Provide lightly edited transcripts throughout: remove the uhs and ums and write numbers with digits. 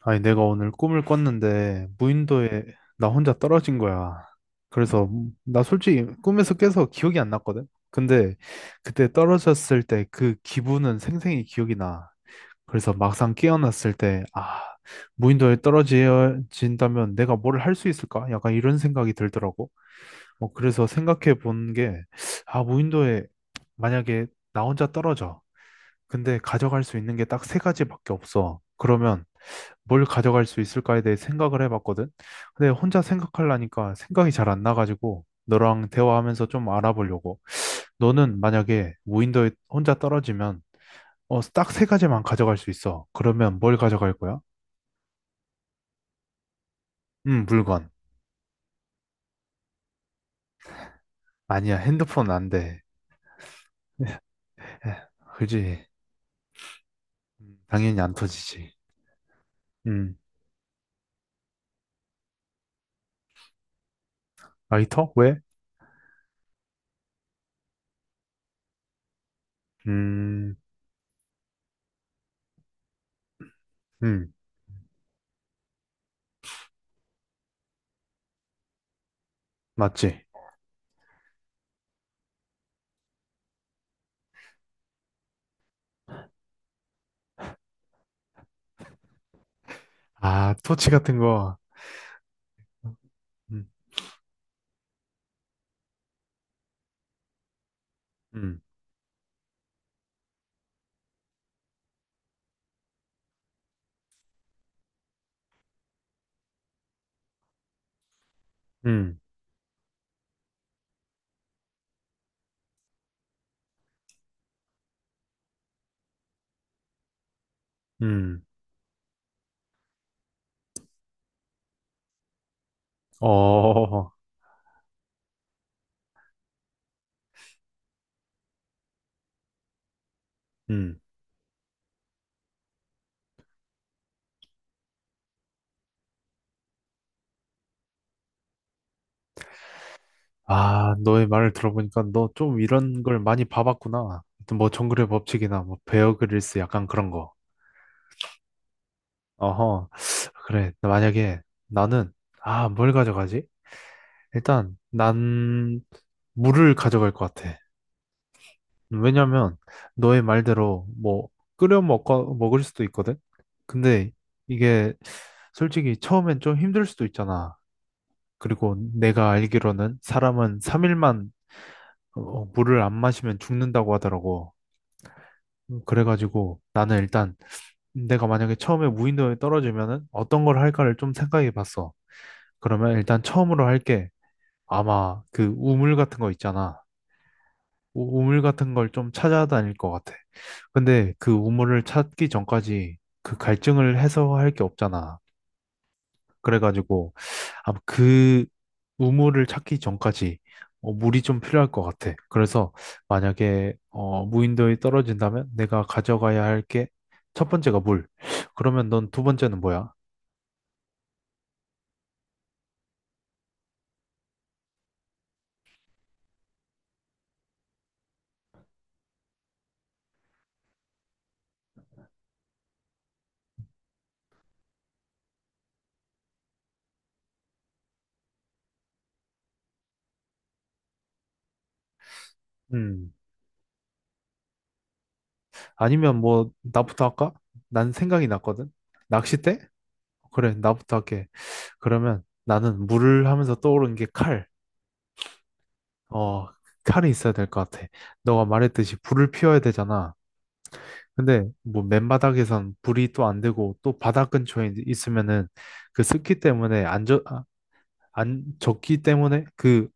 아니, 내가 오늘 꿈을 꿨는데, 무인도에 나 혼자 떨어진 거야. 그래서, 나 솔직히 꿈에서 깨서 기억이 안 났거든? 근데, 그때 떨어졌을 때 그 기분은 생생히 기억이 나. 그래서 막상 깨어났을 때, 아, 무인도에 떨어진다면 내가 뭘 할 수 있을까? 약간 이런 생각이 들더라고. 뭐, 그래서 생각해 본 게, 아, 무인도에 만약에 나 혼자 떨어져. 근데 가져갈 수 있는 게 딱 세 가지밖에 없어. 그러면, 뭘 가져갈 수 있을까에 대해 생각을 해봤거든. 근데 혼자 생각하려니까 생각이 잘 안 나가지고 너랑 대화하면서 좀 알아보려고. 너는 만약에 무인도에 혼자 떨어지면 딱 세 가지만 가져갈 수 있어. 그러면 뭘 가져갈 거야? 물건. 아니야, 핸드폰 안 돼. 에, 그지. 당연히 안 터지지. 음, 라이터? 왜? 음, 음, 맞지. 아, 토치 같은 거. 음, 음, 음, 음, 어, 음. 아, 너의 말을 들어보니까 너 좀 이런 걸 많이 봐봤구나. 하여튼 뭐 정글의 법칙이나 뭐 베어 그릴스 약간 그런 거. 어허. 그래. 만약에 나는 아, 뭘 가져가지? 일단 난 물을 가져갈 것 같아. 왜냐면 너의 말대로 뭐 끓여 먹고 먹을 수도 있거든. 근데 이게 솔직히 처음엔 좀 힘들 수도 있잖아. 그리고 내가 알기로는 사람은 3일만 물을 안 마시면 죽는다고 하더라고. 그래가지고 나는 일단 내가 만약에 처음에 무인도에 떨어지면은 어떤 걸 할까를 좀 생각해 봤어. 그러면 일단 처음으로 할게 아마 그 우물 같은 거 있잖아. 우물 같은 걸 좀 찾아다닐 것 같아. 근데 그 우물을 찾기 전까지 그 갈증을 해소할 게 없잖아. 그래가지고 아마 그 우물을 찾기 전까지 물이 좀 필요할 것 같아. 그래서 만약에 무인도에 떨어진다면 내가 가져가야 할게 첫 번째가 물. 그러면 넌 두 번째는 뭐야? 음. 아니면 뭐 나부터 할까? 난 생각이 났거든. 낚싯대? 그래, 나부터 할게. 그러면 나는 물을 하면서 떠오른 게 칼. 어, 칼이 있어야 될 것 같아. 너가 말했듯이 불을 피워야 되잖아. 근데 뭐 맨바닥에선 불이 또 안 되고 또 바닥 근처에 있으면은 그 습기 때문에 안 젖, 아, 안 젖기 때문에 그,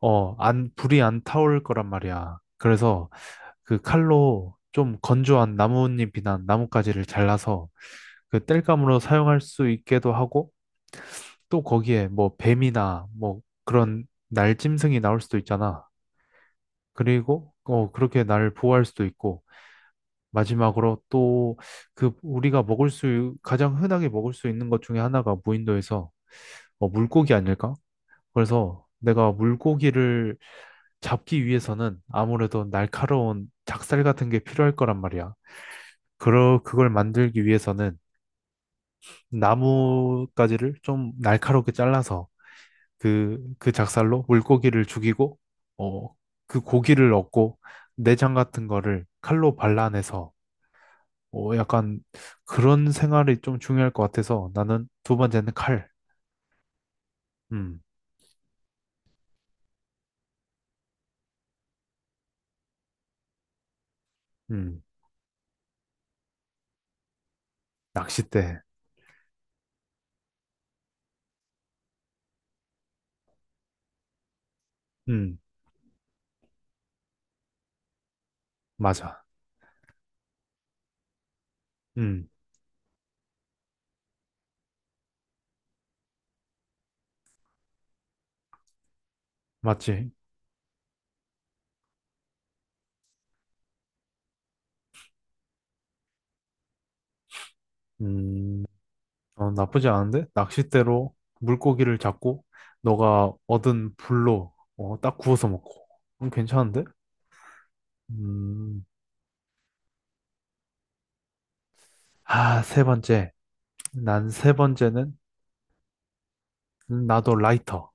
어, 안, 불이 안 타올 거란 말이야. 그래서 그 칼로 좀 건조한 나뭇잎이나 나뭇가지를 잘라서 그 땔감으로 사용할 수 있게도 하고 또 거기에 뭐 뱀이나 뭐 그런 날짐승이 나올 수도 있잖아. 그리고 그렇게 날 보호할 수도 있고 마지막으로 또 그 우리가 가장 흔하게 먹을 수 있는 것 중에 하나가 무인도에서 물고기 아닐까? 그래서 내가 물고기를 잡기 위해서는 아무래도 날카로운 작살 같은 게 필요할 거란 말이야. 그걸 만들기 위해서는 나뭇가지를 좀 날카롭게 잘라서 그 작살로 물고기를 죽이고, 어, 그 고기를 얻고 내장 같은 거를 칼로 발라내서 약간 그런 생활이 좀 중요할 것 같아서 나는 두 번째는 칼. 음, 음, 낚싯대. 음, 맞아. 음, 맞지. 음, 나쁘지 않은데? 낚싯대로 물고기를 잡고 너가 얻은 불로 딱 구워서 먹고. 괜찮은데? 음, 아, 세 번째. 난 세 번째는 나도 라이터.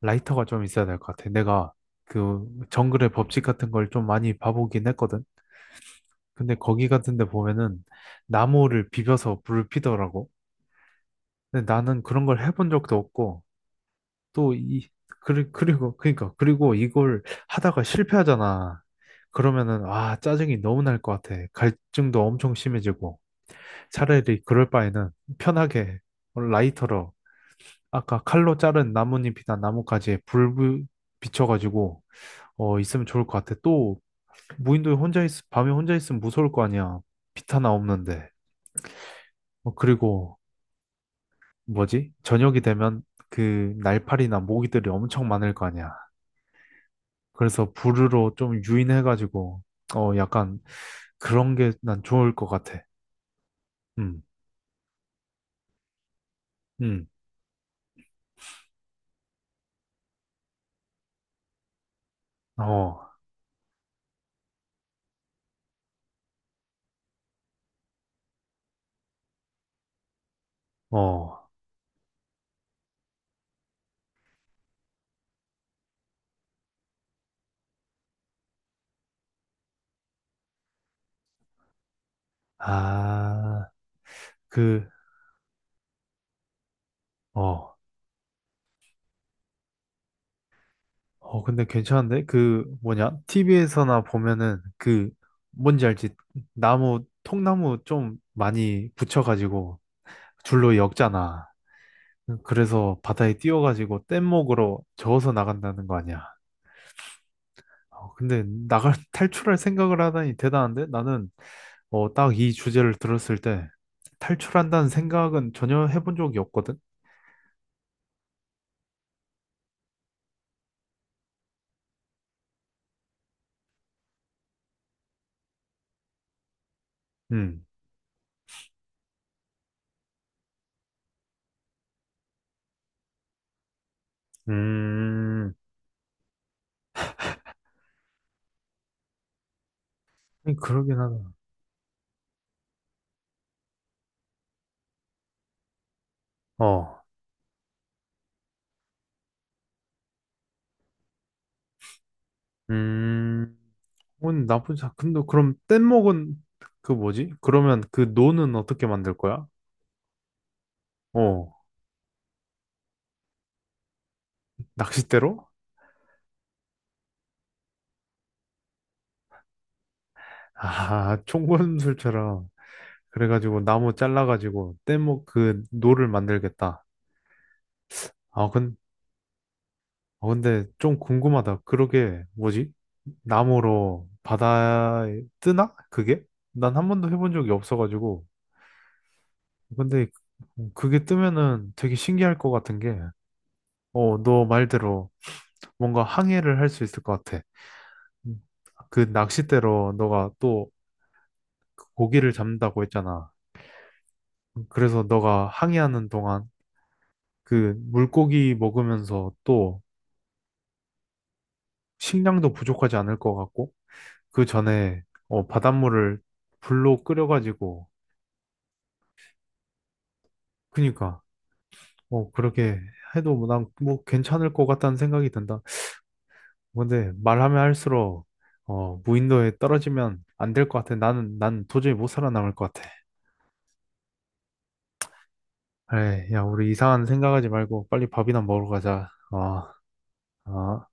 라이터가 좀 있어야 될 것 같아. 내가 그 정글의 법칙 같은 걸 좀 많이 봐보긴 했거든. 근데 거기 같은 데 보면은 나무를 비벼서 불을 피더라고. 근데 나는 그런 걸 해본 적도 없고, 또 그리고 이걸 하다가 실패하잖아. 그러면은, 아, 짜증이 너무 날 것 같아. 갈증도 엄청 심해지고. 차라리 그럴 바에는 편하게 라이터로, 아까 칼로 자른 나뭇잎이나 나뭇가지에 불 비춰가지고, 있으면 좋을 것 같아. 또, 무인도에 혼자 밤에 혼자 있으면 무서울 거 아니야. 빛 하나 없는데. 그리고 뭐지? 저녁이 되면 그 날파리나 모기들이 엄청 많을 거 아니야. 그래서 불르로 좀 유인해가지고, 약간 그런 게 난 좋을 것 같아. 음, 음, 어, 어, 아, 그, 어, 근데 괜찮은데? 그, 뭐냐? TV에서나 보면은 그, 뭔지 알지? 통나무 좀 많이 붙여가지고 줄로 엮잖아. 그래서 바다에 띄워가지고 뗏목으로 저어서 나간다는 거 아니야. 근데 나갈 탈출할 생각을 하다니 대단한데 나는 딱 이 주제를 들었을 때 탈출한다는 생각은 전혀 해본 적이 없거든. 음, 음, 아니, 그러긴 하다. 어, 음, 오늘 나쁜 작품도 그럼 뗏목은 그 뭐지? 그러면 그 노는 어떻게 만들 거야? 어, 낚싯대로? 아, 총검술처럼 그래가지고 나무 잘라가지고 뗏목 그 노를 만들겠다. 아, 근 근데 좀 궁금하다. 그러게, 뭐지? 나무로 바다에 뜨나? 그게? 난 한 번도 해본 적이 없어가지고. 근데 그게 뜨면은 되게 신기할 것 같은 게, 너 말대로 뭔가 항해를 할 수 있을 것 같아. 음, 그 낚싯대로 너가 또 고기를 잡는다고 했잖아. 그래서 너가 항해하는 동안 그 물고기 먹으면서 또 식량도 부족하지 않을 것 같고, 그 전에 바닷물을 불로 끓여가지고 그니까 그렇게 해도 난 뭐 괜찮을 것 같다는 생각이 든다. 근데 말하면 할수록 무인도에 떨어지면 안 될 것 같아. 나는 난 도저히 못 살아남을 것 같아. 그래, 야, 우리 이상한 생각하지 말고 빨리 밥이나 먹으러 가자. 어, 어.